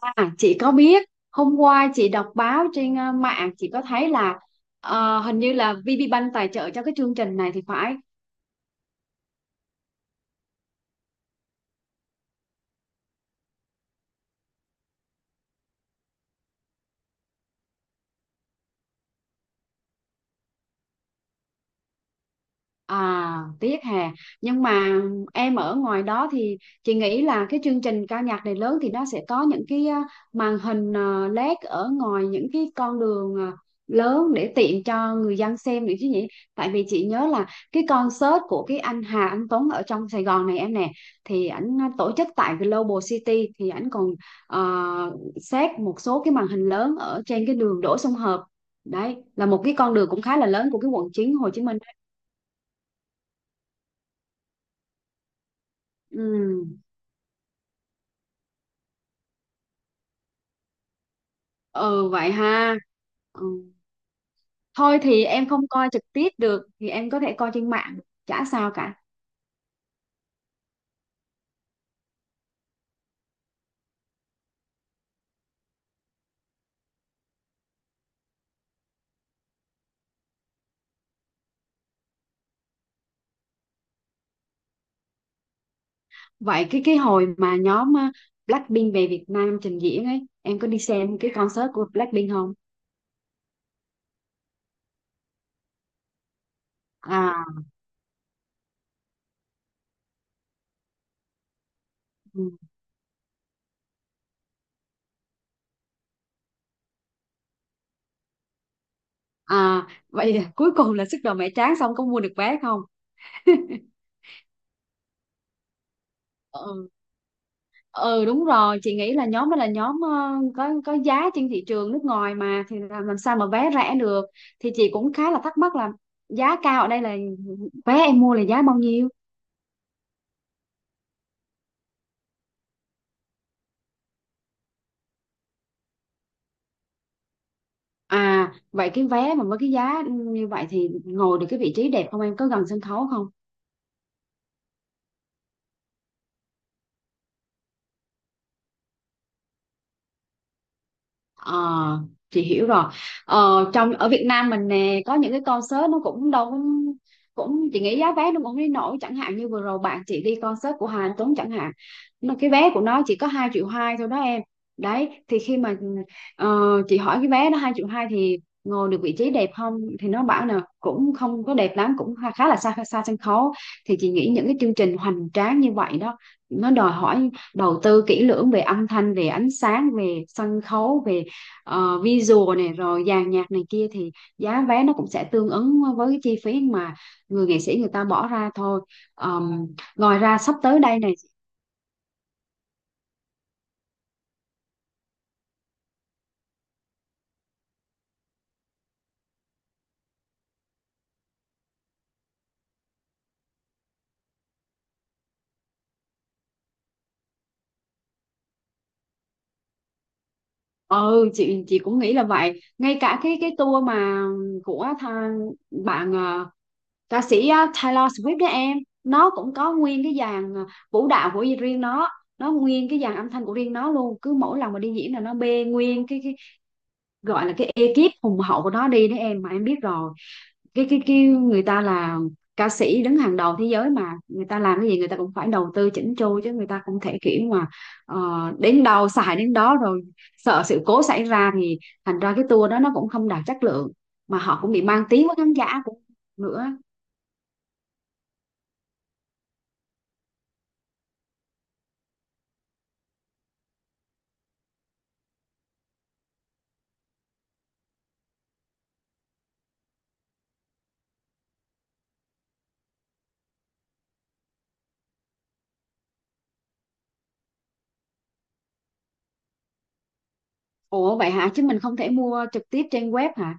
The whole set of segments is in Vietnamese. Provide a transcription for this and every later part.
À, chị có biết hôm qua chị đọc báo trên mạng chị có thấy là hình như là VPBank tài trợ cho cái chương trình này thì phải. À, tiếc hà. Nhưng mà em ở ngoài đó thì chị nghĩ là cái chương trình ca nhạc này lớn thì nó sẽ có những cái màn hình LED ở ngoài những cái con đường lớn để tiện cho người dân xem được chứ nhỉ? Tại vì chị nhớ là cái concert của cái anh Hà Anh Tuấn ở trong Sài Gòn này em nè, thì ảnh tổ chức tại Global City thì ảnh còn xét một số cái màn hình lớn ở trên cái đường Đỗ Xuân Hợp. Đấy, là một cái con đường cũng khá là lớn của cái quận 9 Hồ Chí Minh đấy. Ừ, ừ vậy ha, ừ. Thôi thì em không coi trực tiếp được thì em có thể coi trên mạng, chả sao cả. Vậy cái hồi mà nhóm Blackpink về Việt Nam trình diễn ấy, em có đi xem cái concert của Blackpink không? À, ừ. À vậy là cuối cùng là sức đầu mẹ tráng xong có mua được vé không? Ừ, ừ đúng rồi, chị nghĩ là nhóm đó là nhóm có giá trên thị trường nước ngoài mà, thì làm sao mà vé rẻ được. Thì chị cũng khá là thắc mắc là giá cao ở đây là vé em mua là giá bao nhiêu? À, vậy cái vé mà với cái giá như vậy thì ngồi được cái vị trí đẹp không em? Có gần sân khấu không? Ờ, chị hiểu rồi. Ờ, trong ở Việt Nam mình nè có những cái concert nó cũng đâu cũng cũng chị nghĩ giá vé nó cũng đi nổi, chẳng hạn như vừa rồi bạn chị đi concert của Hà Anh Tuấn chẳng hạn, nó cái vé của nó chỉ có hai triệu hai thôi đó em. Đấy thì khi mà ờ, chị hỏi cái vé nó hai triệu hai thì ngồi được vị trí đẹp không, thì nó bảo là cũng không có đẹp lắm, cũng khá khá là xa xa sân khấu. Thì chị nghĩ những cái chương trình hoành tráng như vậy đó, nó đòi hỏi đầu tư kỹ lưỡng về âm thanh, về ánh sáng, về sân khấu, về visual này rồi dàn nhạc này kia, thì giá vé nó cũng sẽ tương ứng với cái chi phí mà người nghệ sĩ người ta bỏ ra thôi. Ờm, Ngoài ra sắp tới đây này. Ừ, chị cũng nghĩ là vậy, ngay cả cái tour mà của tha, bạn ca sĩ Taylor Swift đó em, nó cũng có nguyên cái dàn vũ đạo của riêng nó nguyên cái dàn âm thanh của riêng nó luôn. Cứ mỗi lần mà đi diễn là nó bê nguyên cái gọi là cái ekip hùng hậu của nó đi đấy em, mà em biết rồi. Cái người ta là ca sĩ đứng hàng đầu thế giới, mà người ta làm cái gì người ta cũng phải đầu tư chỉnh chu, chứ người ta không thể kiểu mà ờ, đến đâu xài đến đó, rồi sợ sự cố xảy ra thì thành ra cái tour đó nó cũng không đạt chất lượng, mà họ cũng bị mang tiếng với khán giả cũng nữa. Ủa vậy hả, chứ mình không thể mua trực tiếp trên web hả?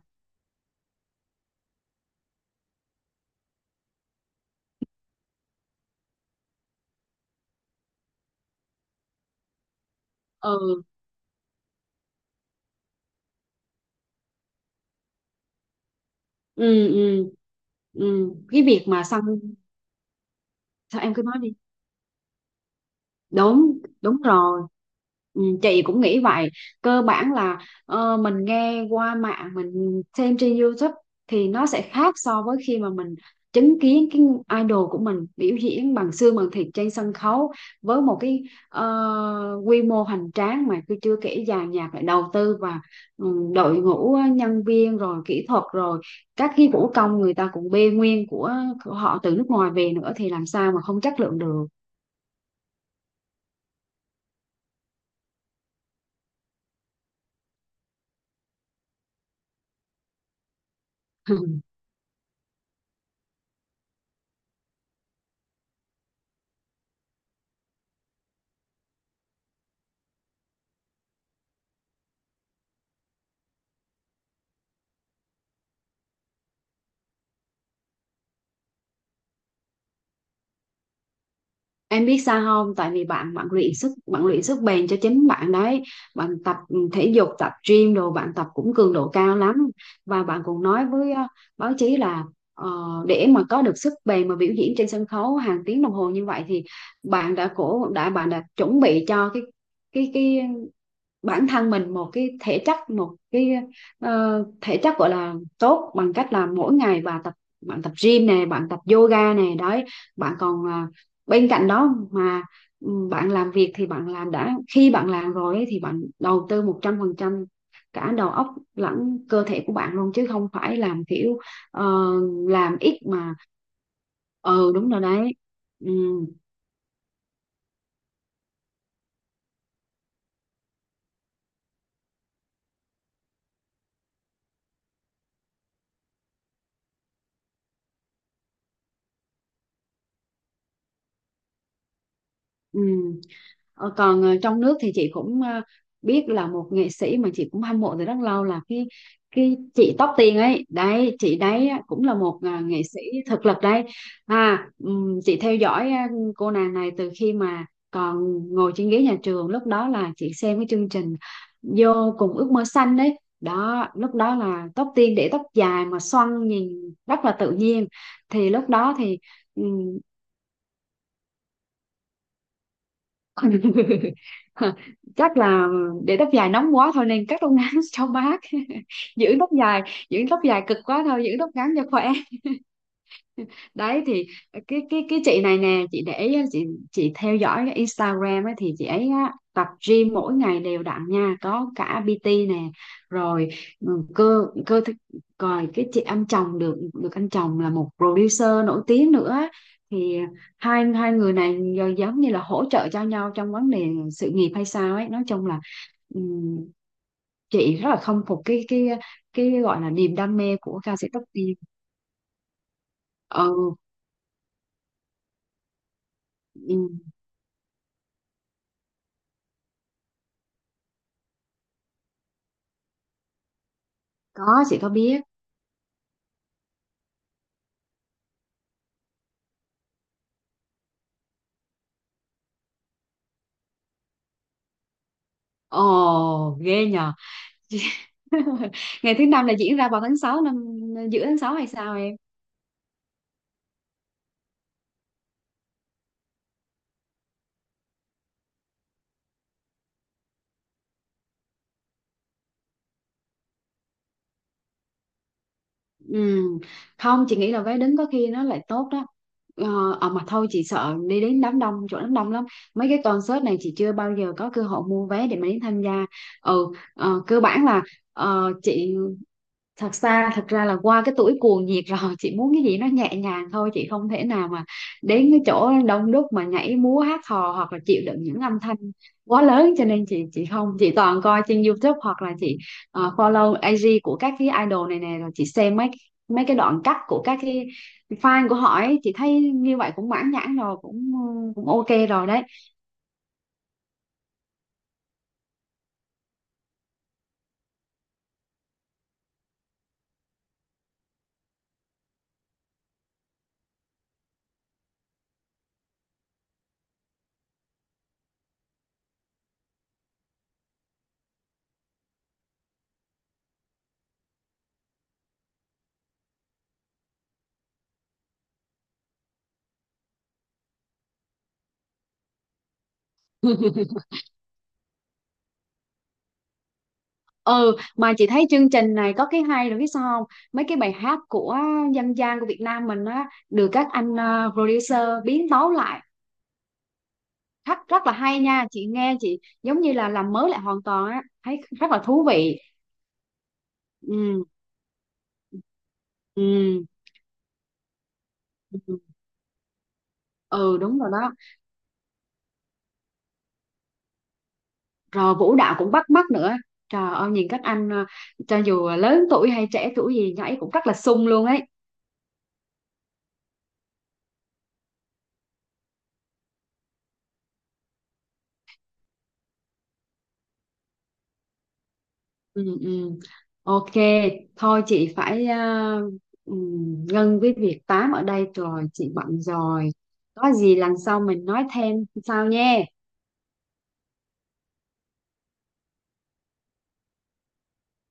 Ừ, ừ, ừ, ừ cái việc mà săn, sao em cứ nói đi. Đúng, đúng rồi. Ừ, chị cũng nghĩ vậy. Cơ bản là mình nghe qua mạng, mình xem trên YouTube thì nó sẽ khác so với khi mà mình chứng kiến cái idol của mình biểu diễn bằng xương bằng thịt trên sân khấu với một cái quy mô hoành tráng, mà tôi chưa kể dàn nhạc lại đầu tư và ừ, đội ngũ nhân viên rồi kỹ thuật rồi các cái vũ công người ta cũng bê nguyên của họ từ nước ngoài về nữa, thì làm sao mà không chất lượng được. Em biết sao không? Tại vì bạn bạn luyện sức, bạn luyện sức bền cho chính bạn đấy. Bạn tập ừ, thể dục, tập gym đồ, bạn tập cũng cường độ cao lắm. Và bạn cũng nói với báo chí là ờ, để mà có được sức bền mà biểu diễn trên sân khấu hàng tiếng đồng hồ như vậy, thì bạn đã chuẩn bị cho cái cái cái bản thân mình một cái thể chất, một cái thể chất gọi là tốt, bằng cách là mỗi ngày tập, bạn tập gym này, bạn tập yoga này đấy. Bạn còn à, bên cạnh đó mà ừ, bạn làm việc thì bạn làm đã khi bạn làm rồi ấy, thì bạn đầu tư 100% cả đầu óc lẫn cơ thể của bạn luôn, chứ không phải làm kiểu ờ, làm ít mà. Ừ đúng rồi đấy, ừ, ừ. Ờ, còn trong nước thì chị cũng biết là một nghệ sĩ mà chị cũng hâm mộ từ rất lâu là cái chị Tóc Tiên ấy đấy, chị đấy á, cũng là một nghệ sĩ thực lực đấy. À chị theo dõi à, cô nàng này từ khi mà còn ngồi trên ghế nhà trường, lúc đó là chị xem cái chương trình vô cùng ước mơ xanh đấy đó. Lúc đó là Tóc Tiên để tóc dài mà xoăn nhìn rất là tự nhiên, thì lúc đó thì chắc là để tóc dài nóng quá thôi nên cắt tóc ngắn cho mát. giữ tóc dài Giữ tóc dài cực quá thôi, giữ tóc ngắn cho khỏe. Đấy thì cái chị này nè, chị để ý á, chị theo dõi cái Instagram ấy, thì chị ấy á, tập gym mỗi ngày đều đặn nha, có cả PT nè, rồi ừ, cơ cơ thể- rồi cái chị anh chồng được được anh chồng là một producer nổi tiếng nữa. Thì hai hai người này giờ giống như là hỗ trợ cho nhau trong vấn đề sự nghiệp hay sao ấy. Nói chung là ừm, chị rất là khâm phục cái gọi là niềm đam mê của ca sĩ Tóc Tiên. Ừ, ừ, có, chị có biết. Ồ, ghê nhờ. Ngày thứ năm là diễn ra vào tháng 6 năm, giữa tháng 6 hay sao em? Ừ. Không, chị nghĩ là vé đứng có khi nó lại tốt đó. Ờ, à mà thôi, chị sợ đi đến đám đông, chỗ đám đông lắm. Mấy cái concert này chị chưa bao giờ có cơ hội mua vé để mà đến tham gia. Ừ, ờ, cơ bản là chị thật ra là qua cái tuổi cuồng nhiệt rồi, chị muốn cái gì nó nhẹ nhàng thôi, chị không thể nào mà đến cái chỗ đông đúc mà nhảy múa hát hò, hoặc là chịu đựng những âm thanh quá lớn. Cho nên chị không chị toàn coi trên YouTube, hoặc là chị follow IG của các cái idol này nè, rồi chị xem mấy mấy cái đoạn cắt của các cái fan của họ ấy. Chị thấy như vậy cũng mãn nhãn rồi, cũng cũng ok rồi đấy. Ừ, mà chị thấy chương trình này có cái hay là biết sao không, mấy cái bài hát của dân gian của Việt Nam mình á, được các anh ờ, producer biến tấu lại rất rất là hay nha. Chị nghe chị giống như là làm mới lại hoàn toàn á, thấy rất là thú vị. Ừ, ừ, ừ. Ừ, đúng rồi đó. Rồi vũ đạo cũng bắt mắt nữa, trời ơi nhìn các anh cho dù lớn tuổi hay trẻ tuổi gì nhảy cũng rất là sung luôn ấy. Ừ, ừ, ok. Thôi chị phải à, ngưng với việc tám ở đây rồi, chị bận rồi. Có gì lần sau mình nói thêm sau nha.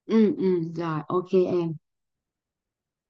Ừ, ừ, rồi ok em.